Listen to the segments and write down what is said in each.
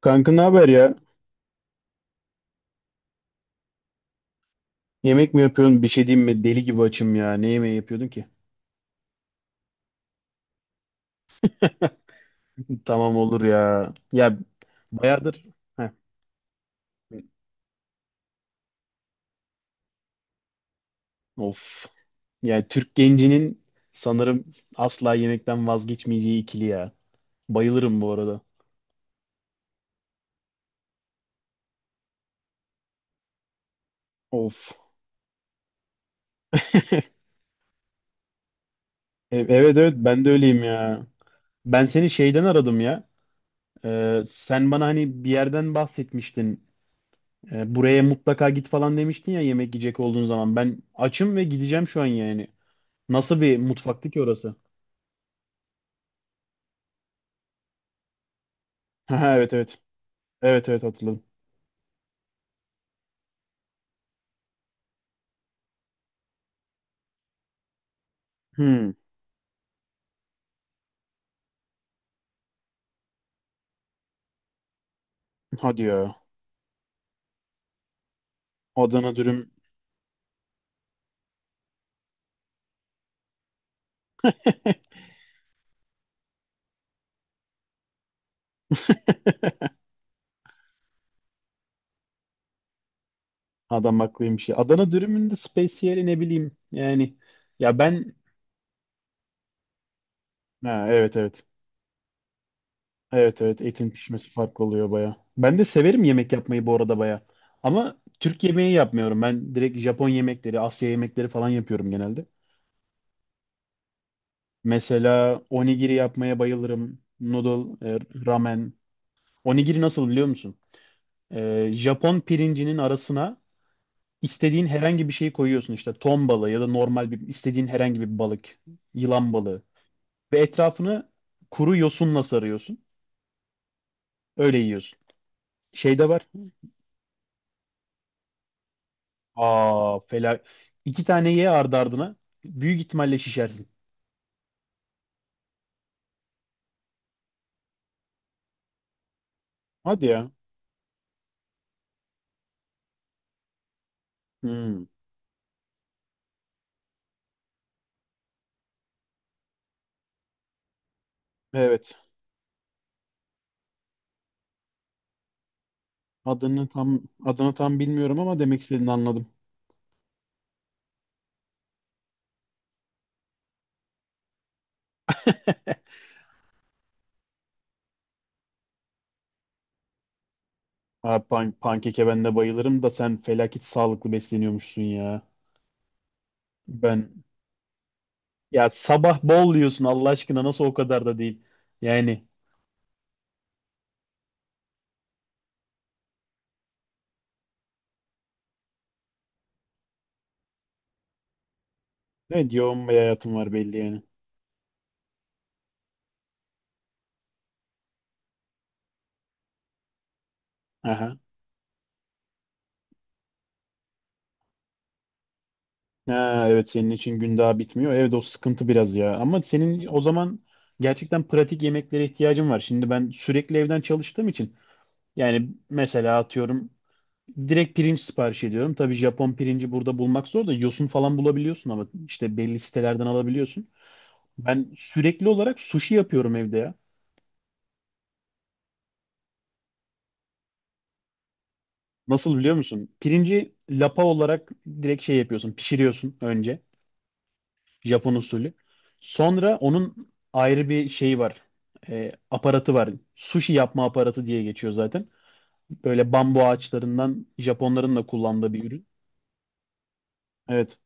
Kanka, ne haber ya? Yemek mi yapıyorsun? Bir şey diyeyim mi? Deli gibi açım ya. Ne yemeği yapıyordun ki? Tamam, olur ya. Ya bayağıdır. Heh. Of. Yani Türk gencinin sanırım asla yemekten vazgeçmeyeceği ikili ya. Bayılırım bu arada. Of. Evet, evet, ben de öyleyim ya. Ben seni şeyden aradım ya. Sen bana hani bir yerden bahsetmiştin. Buraya mutlaka git falan demiştin ya, yemek yiyecek olduğun zaman. Ben açım ve gideceğim şu an yani. Nasıl bir mutfaktı ki orası? Ha, evet, evet. Evet, evet, hatırladım. Hmm, hadi ya. Adana dürüm. Adam haklıymış ya. Adana dürümün de spesiyeli ne bileyim. Yani. Ya ben, ha, evet, evet. Evet, evet, etin pişmesi farklı oluyor baya. Ben de severim yemek yapmayı bu arada baya. Ama Türk yemeği yapmıyorum. Ben direkt Japon yemekleri, Asya yemekleri falan yapıyorum genelde. Mesela onigiri yapmaya bayılırım. Noodle, ramen. Onigiri nasıl, biliyor musun? Japon pirincinin arasına İstediğin herhangi bir şeyi koyuyorsun, işte ton balığı ya da normal bir istediğin herhangi bir balık, yılan balığı, ve etrafını kuru yosunla sarıyorsun. Öyle yiyorsun. Şey de var. Aa, fela. İki tane ye ardı ardına. Büyük ihtimalle şişersin. Hadi ya. Hmm, evet. Adını tam bilmiyorum ama demek istediğini anladım. Ha, pankeke ben de bayılırım da sen felaket sağlıklı besleniyormuşsun ya. Ben, ya sabah bol yiyorsun Allah aşkına, nasıl o kadar da değil. Yani. Evet, yoğun bir hayatım var belli yani. Aha. Ha, evet, senin için gün daha bitmiyor. Evet, o sıkıntı biraz ya. Ama senin o zaman gerçekten pratik yemeklere ihtiyacın var. Şimdi ben sürekli evden çalıştığım için, yani mesela atıyorum, direkt pirinç sipariş ediyorum. Tabii Japon pirinci burada bulmak zor da yosun falan bulabiliyorsun ama işte belli sitelerden alabiliyorsun. Ben sürekli olarak sushi yapıyorum evde ya. Nasıl, biliyor musun? Pirinci lapa olarak direkt şey yapıyorsun, pişiriyorsun önce. Japon usulü. Sonra onun ayrı bir şeyi var. Aparatı var. Sushi yapma aparatı diye geçiyor zaten. Böyle bambu ağaçlarından, Japonların da kullandığı bir ürün. Evet.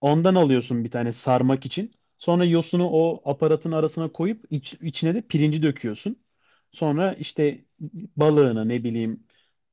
Ondan alıyorsun bir tane sarmak için. Sonra yosunu o aparatın arasına koyup içine de pirinci döküyorsun. Sonra işte balığını ne bileyim,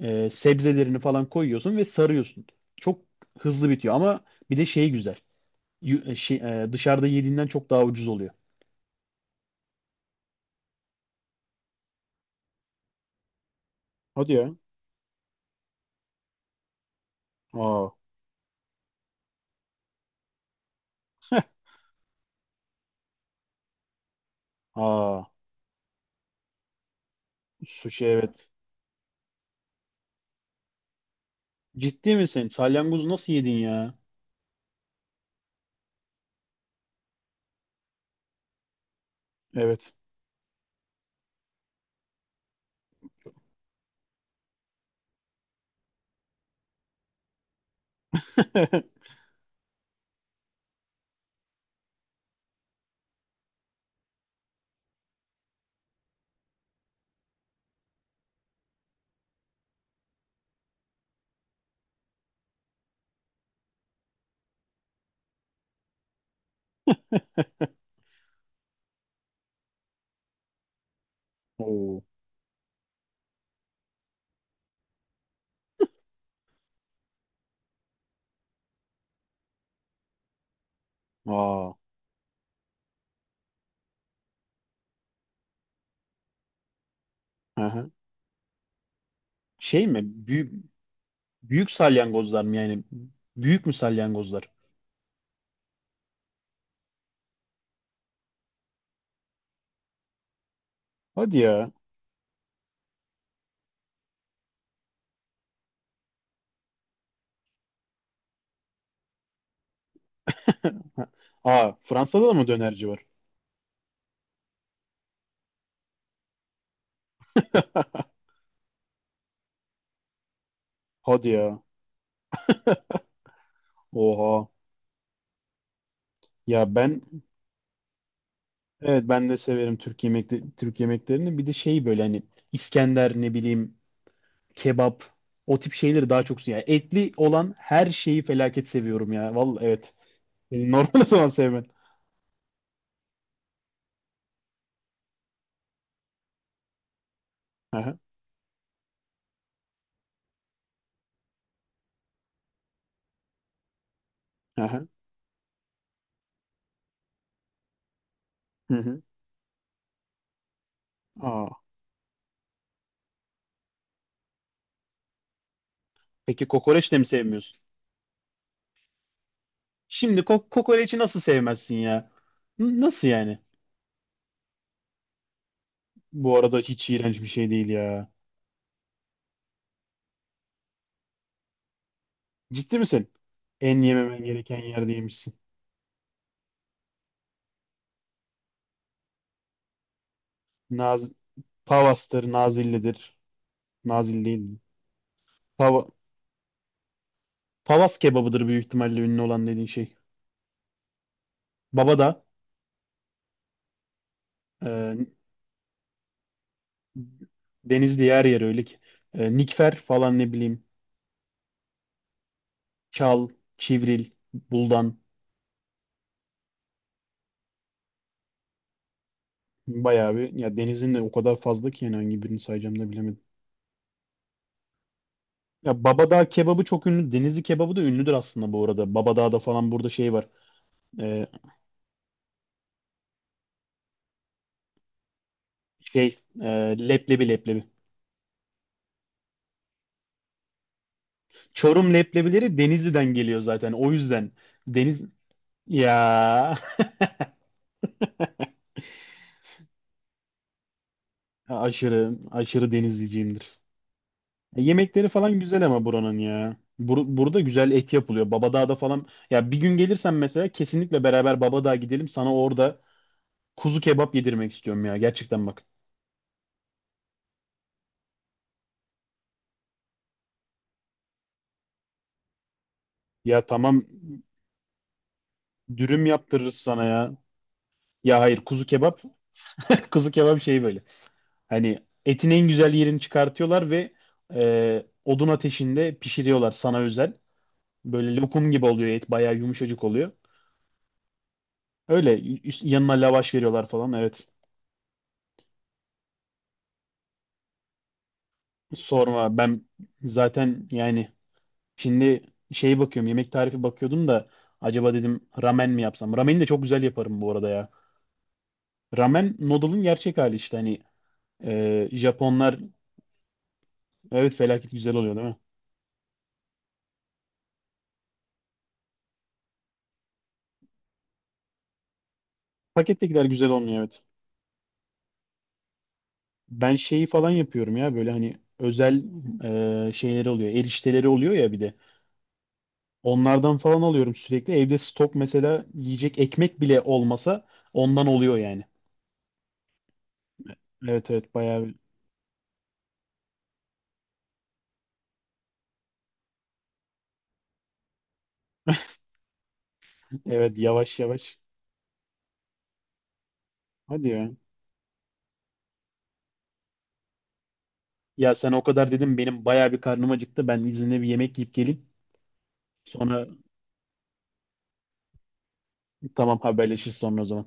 sebzelerini falan koyuyorsun ve sarıyorsun. Çok hızlı bitiyor ama bir de şey güzel. Yu- e, şey, Dışarıda yediğinden çok daha ucuz oluyor. Hadi ya. Aa. Heh. Aa. Sushi, evet. Ciddi misin? Salyangozu nasıl yedin ya? Evet. Oo. Aa. Hı hı. Şey mi? Büyük, büyük salyangozlar mı yani? Büyük mü salyangozlar? Hadi ya. Aa, Fransa'da da mı dönerci var? Hadi ya. Oha. Ya ben Evet, ben de severim Türk yemeklerini. Bir de şey böyle, hani İskender, ne bileyim, kebap, o tip şeyleri daha çok seviyorum. Yani etli olan her şeyi felaket seviyorum ya. Vallahi evet. Beni normal o zaman sevmen. Aha, aha, hı hı. Aa, peki kokoreç de mi sevmiyorsun? Şimdi kokoreçi nasıl sevmezsin ya? Nasıl yani? Bu arada hiç iğrenç bir şey değil ya. Ciddi misin? En yememen gereken yerdeymişsin. Naz Pavas'tır, Nazilli'dir. Nazilli değil mi? Pava Pavas kebabıdır büyük ihtimalle, ünlü olan dediğin şey. Baba da e, Denizli yer yer öyle ki. Nikfer falan, ne bileyim. Çal, Çivril, Buldan. Bayağı bir. Ya denizin de o kadar fazla ki, yani hangi birini sayacağım da bilemedim. Ya Babadağ kebabı çok ünlü. Denizli kebabı da ünlüdür aslında bu arada. Babadağ'da falan, burada şey var. E, şey e, leblebi. Çorum leblebileri Denizli'den geliyor zaten. O yüzden deniz ya, aşırı aşırı denizliciyimdir. Yemekleri falan güzel ama buranın ya. Burada güzel et yapılıyor. Babadağ'da falan. Ya bir gün gelirsen mesela, kesinlikle beraber Babadağ'a gidelim. Sana orada kuzu kebap yedirmek istiyorum ya. Gerçekten, bak. Ya tamam, dürüm yaptırırız sana ya. Ya hayır, kuzu kebap. Kuzu kebap şey böyle. Hani etin en güzel yerini çıkartıyorlar ve odun ateşinde pişiriyorlar sana özel. Böyle lokum gibi oluyor et. Bayağı yumuşacık oluyor. Öyle yanına lavaş veriyorlar falan. Evet. Sorma, ben zaten yani. Şimdi şey bakıyorum yemek tarifi bakıyordum da, acaba dedim ramen mi yapsam? Rameni de çok güzel yaparım bu arada ya. Ramen, noodle'ın gerçek hali işte, hani Japonlar, evet, felaket güzel oluyor değil mi? Pakettekiler güzel olmuyor, evet. Ben şeyi falan yapıyorum ya, böyle hani özel şeyleri oluyor, erişteleri oluyor ya bir de. Onlardan falan alıyorum sürekli. Evde stok mesela yiyecek ekmek bile olmasa ondan oluyor yani. Evet, evet, bayağı. Evet, yavaş yavaş. Hadi ya. Ya sen o kadar dedim, benim bayağı bir karnım acıktı. Ben izinle bir yemek yiyip geleyim. Sonra tamam, haberleşiriz sonra o zaman.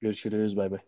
Görüşürüz, bay bay.